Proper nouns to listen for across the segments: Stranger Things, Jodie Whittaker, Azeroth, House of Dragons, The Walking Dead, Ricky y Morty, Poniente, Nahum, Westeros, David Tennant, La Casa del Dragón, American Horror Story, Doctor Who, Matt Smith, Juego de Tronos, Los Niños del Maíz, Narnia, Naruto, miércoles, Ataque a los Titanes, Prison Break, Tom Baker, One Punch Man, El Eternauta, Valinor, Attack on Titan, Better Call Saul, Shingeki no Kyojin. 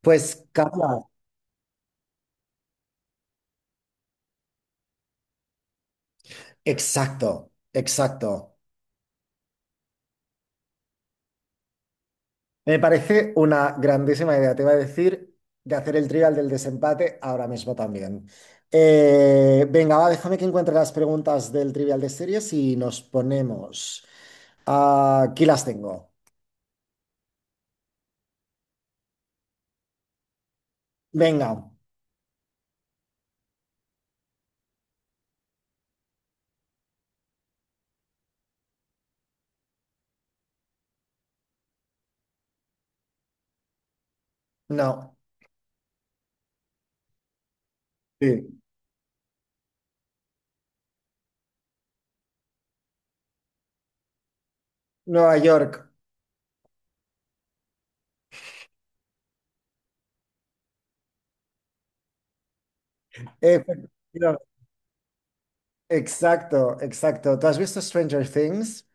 Pues, Carla, exacto, exacto. Me parece una grandísima idea. Te iba a decir de hacer el trivial del desempate ahora mismo también. Venga, va, déjame que encuentre las preguntas del trivial de series y nos ponemos. Ah, aquí las tengo. Venga, no. Sí. Nueva York. Efectivamente. Exacto, exacto. ¿Tú has visto Stranger Things?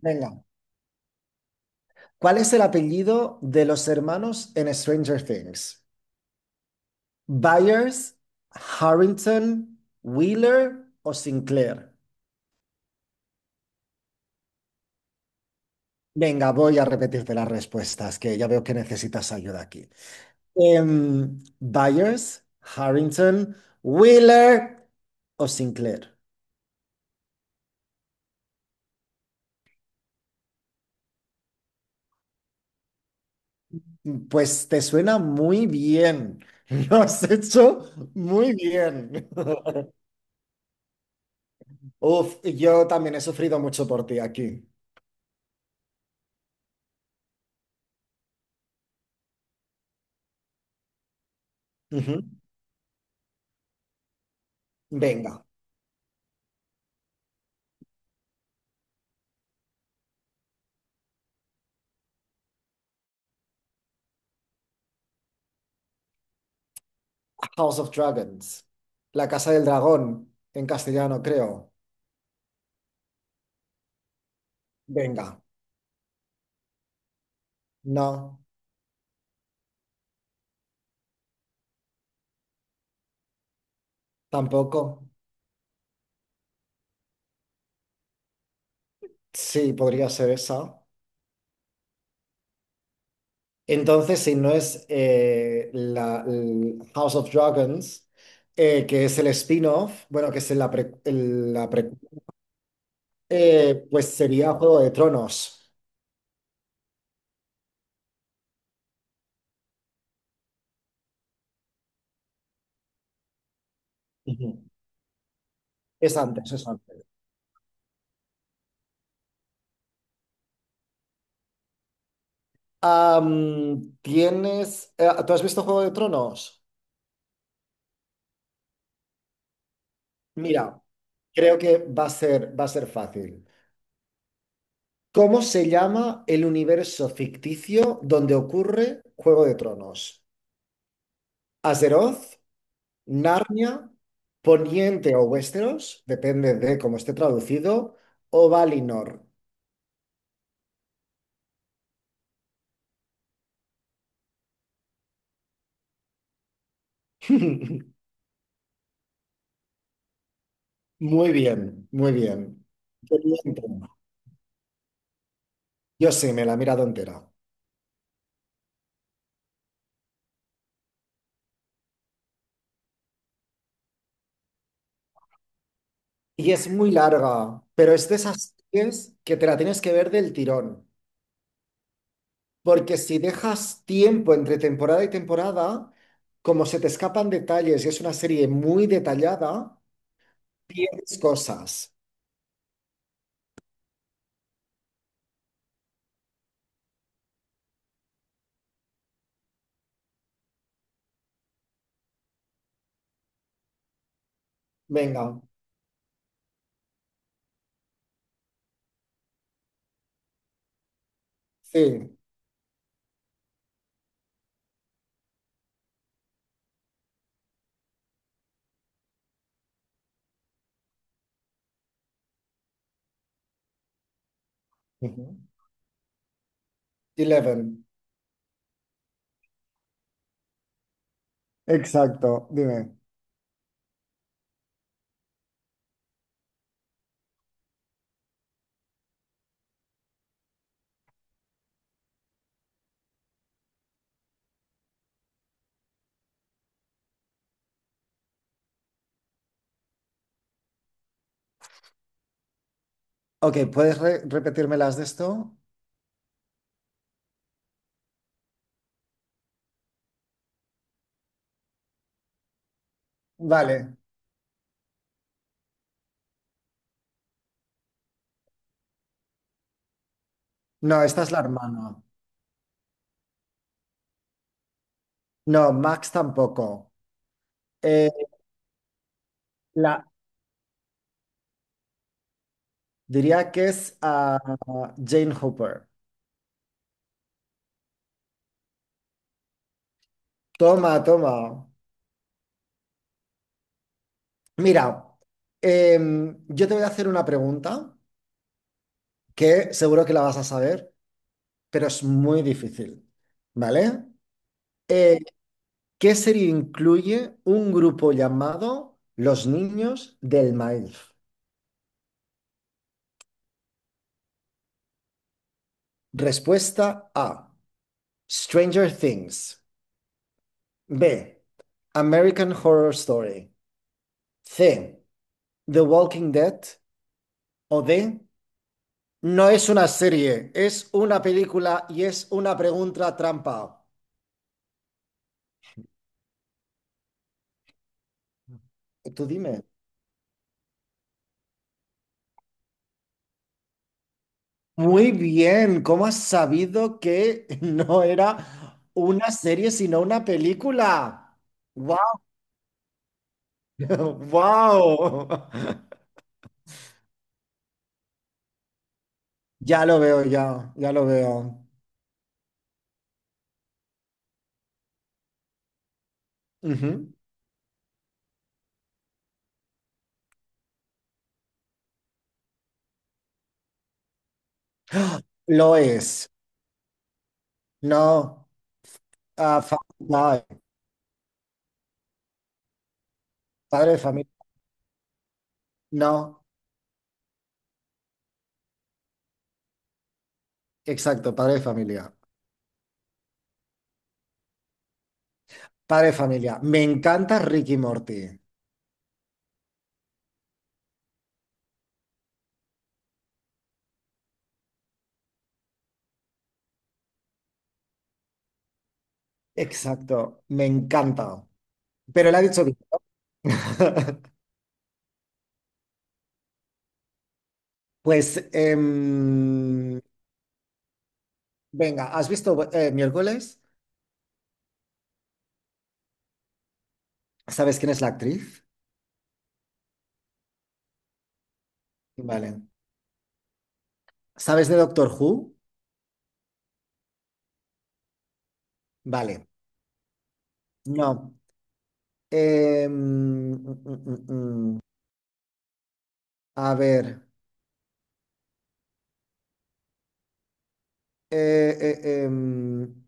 Venga. ¿Cuál es el apellido de los hermanos en Stranger Things? Byers, Harrington, Wheeler o Sinclair. Venga, voy a repetirte las respuestas, que ya veo que necesitas ayuda aquí. Byers, Harrington, Wheeler o Sinclair. Pues te suena muy bien. Lo has hecho muy bien. Uf, yo también he sufrido mucho por ti aquí. Ujú. Venga, House of Dragons. La Casa del Dragón, en castellano, creo. Venga, no, tampoco. Sí, podría ser esa. Entonces, si no es la, el House of Dragons, que es el spin-off, bueno, que es la pre- el- la pre- pues sería Juego de Tronos. Ujú. Es antes, es antes. ¿Tienes, ¿tú has visto Juego de Tronos? Mira, creo que va a ser fácil. ¿Cómo se llama el universo ficticio donde ocurre Juego de Tronos? ¿Azeroth? ¿Narnia? ¿Poniente o Westeros? Depende de cómo esté traducido. ¿O Valinor? Muy bien, muy bien. Poniente. Yo sí, me la he mirado entera. Y es muy larga, pero es de esas series que te la tienes que ver del tirón. Porque si dejas tiempo entre temporada y temporada, como se te escapan detalles y es una serie muy detallada, pierdes cosas. Venga, sí. Ujú. Eleven. Exacto, dime. Ok, ¿puedes repetirme las de esto? Vale, no, esta es la hermana. No, Max tampoco. Eh, la... diría que es a Jane Hooper. Toma, toma. Mira, yo te voy a hacer una pregunta, que seguro que la vas a saber, pero es muy difícil, ¿vale? Eh, ¿Qué serie incluye un grupo llamado Los Niños del Maíz? Respuesta A, Stranger Things. B, American Horror Story. C, The Walking Dead. O D, no es una serie, es una película y es una pregunta trampa. Tú dime. Muy bien, ¿cómo has sabido que no era una serie sino una película? ¡Wow! ¡Wow! Ya lo veo, ya, ya lo veo. Ujú. Lo es. No, no, padre de familia. No, exacto, padre de familia. Padre de familia. Me encanta Ricky y Morty. Exacto, me encanta. Pero la ha dicho bien. Pues, venga, ¿has visto miércoles? ¿Sabes quién es la actriz? Vale. ¿Sabes de Doctor Who? Vale. No. Eh, mm, mm, mm, mm. A ver. Eh, eh, em,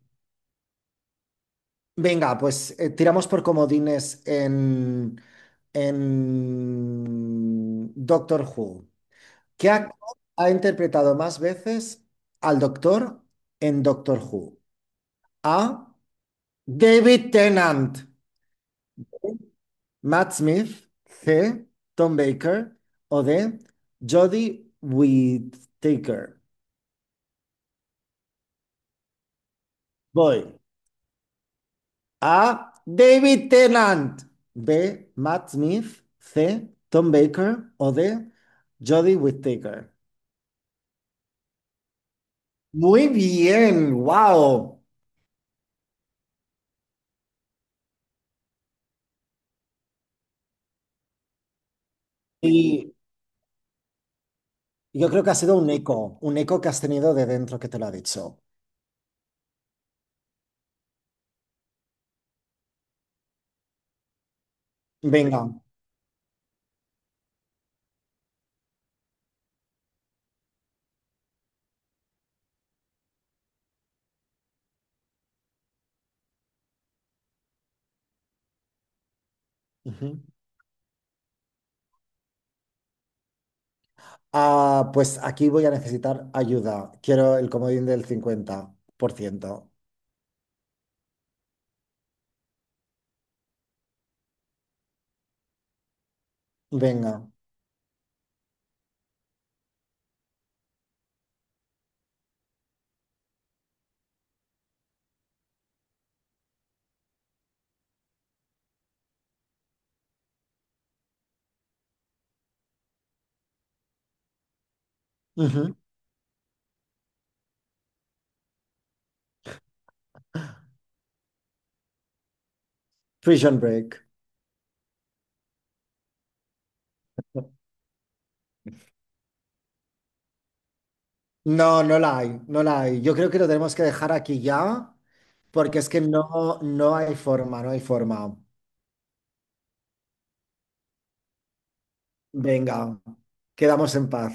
venga, pues tiramos por comodines en Doctor Who. ¿Qué actor ha interpretado más veces al Doctor en Doctor Who? A. David Tennant. Matt Smith, C. Tom Baker o D. Jodie Whittaker. Voy. A. David Tennant. B. Matt Smith. C. Tom Baker o D. Jodie Whittaker. Muy bien, wow. Y yo creo que ha sido un eco que has tenido de dentro que te lo ha dicho. Venga. Ujú. Ah, pues aquí voy a necesitar ayuda. Quiero el comodín del 50%. Venga. Ujú. Prison Break. No, no la hay, no la hay. Yo creo que lo tenemos que dejar aquí ya, porque es que no, no hay forma, no hay forma. Venga, quedamos en paz.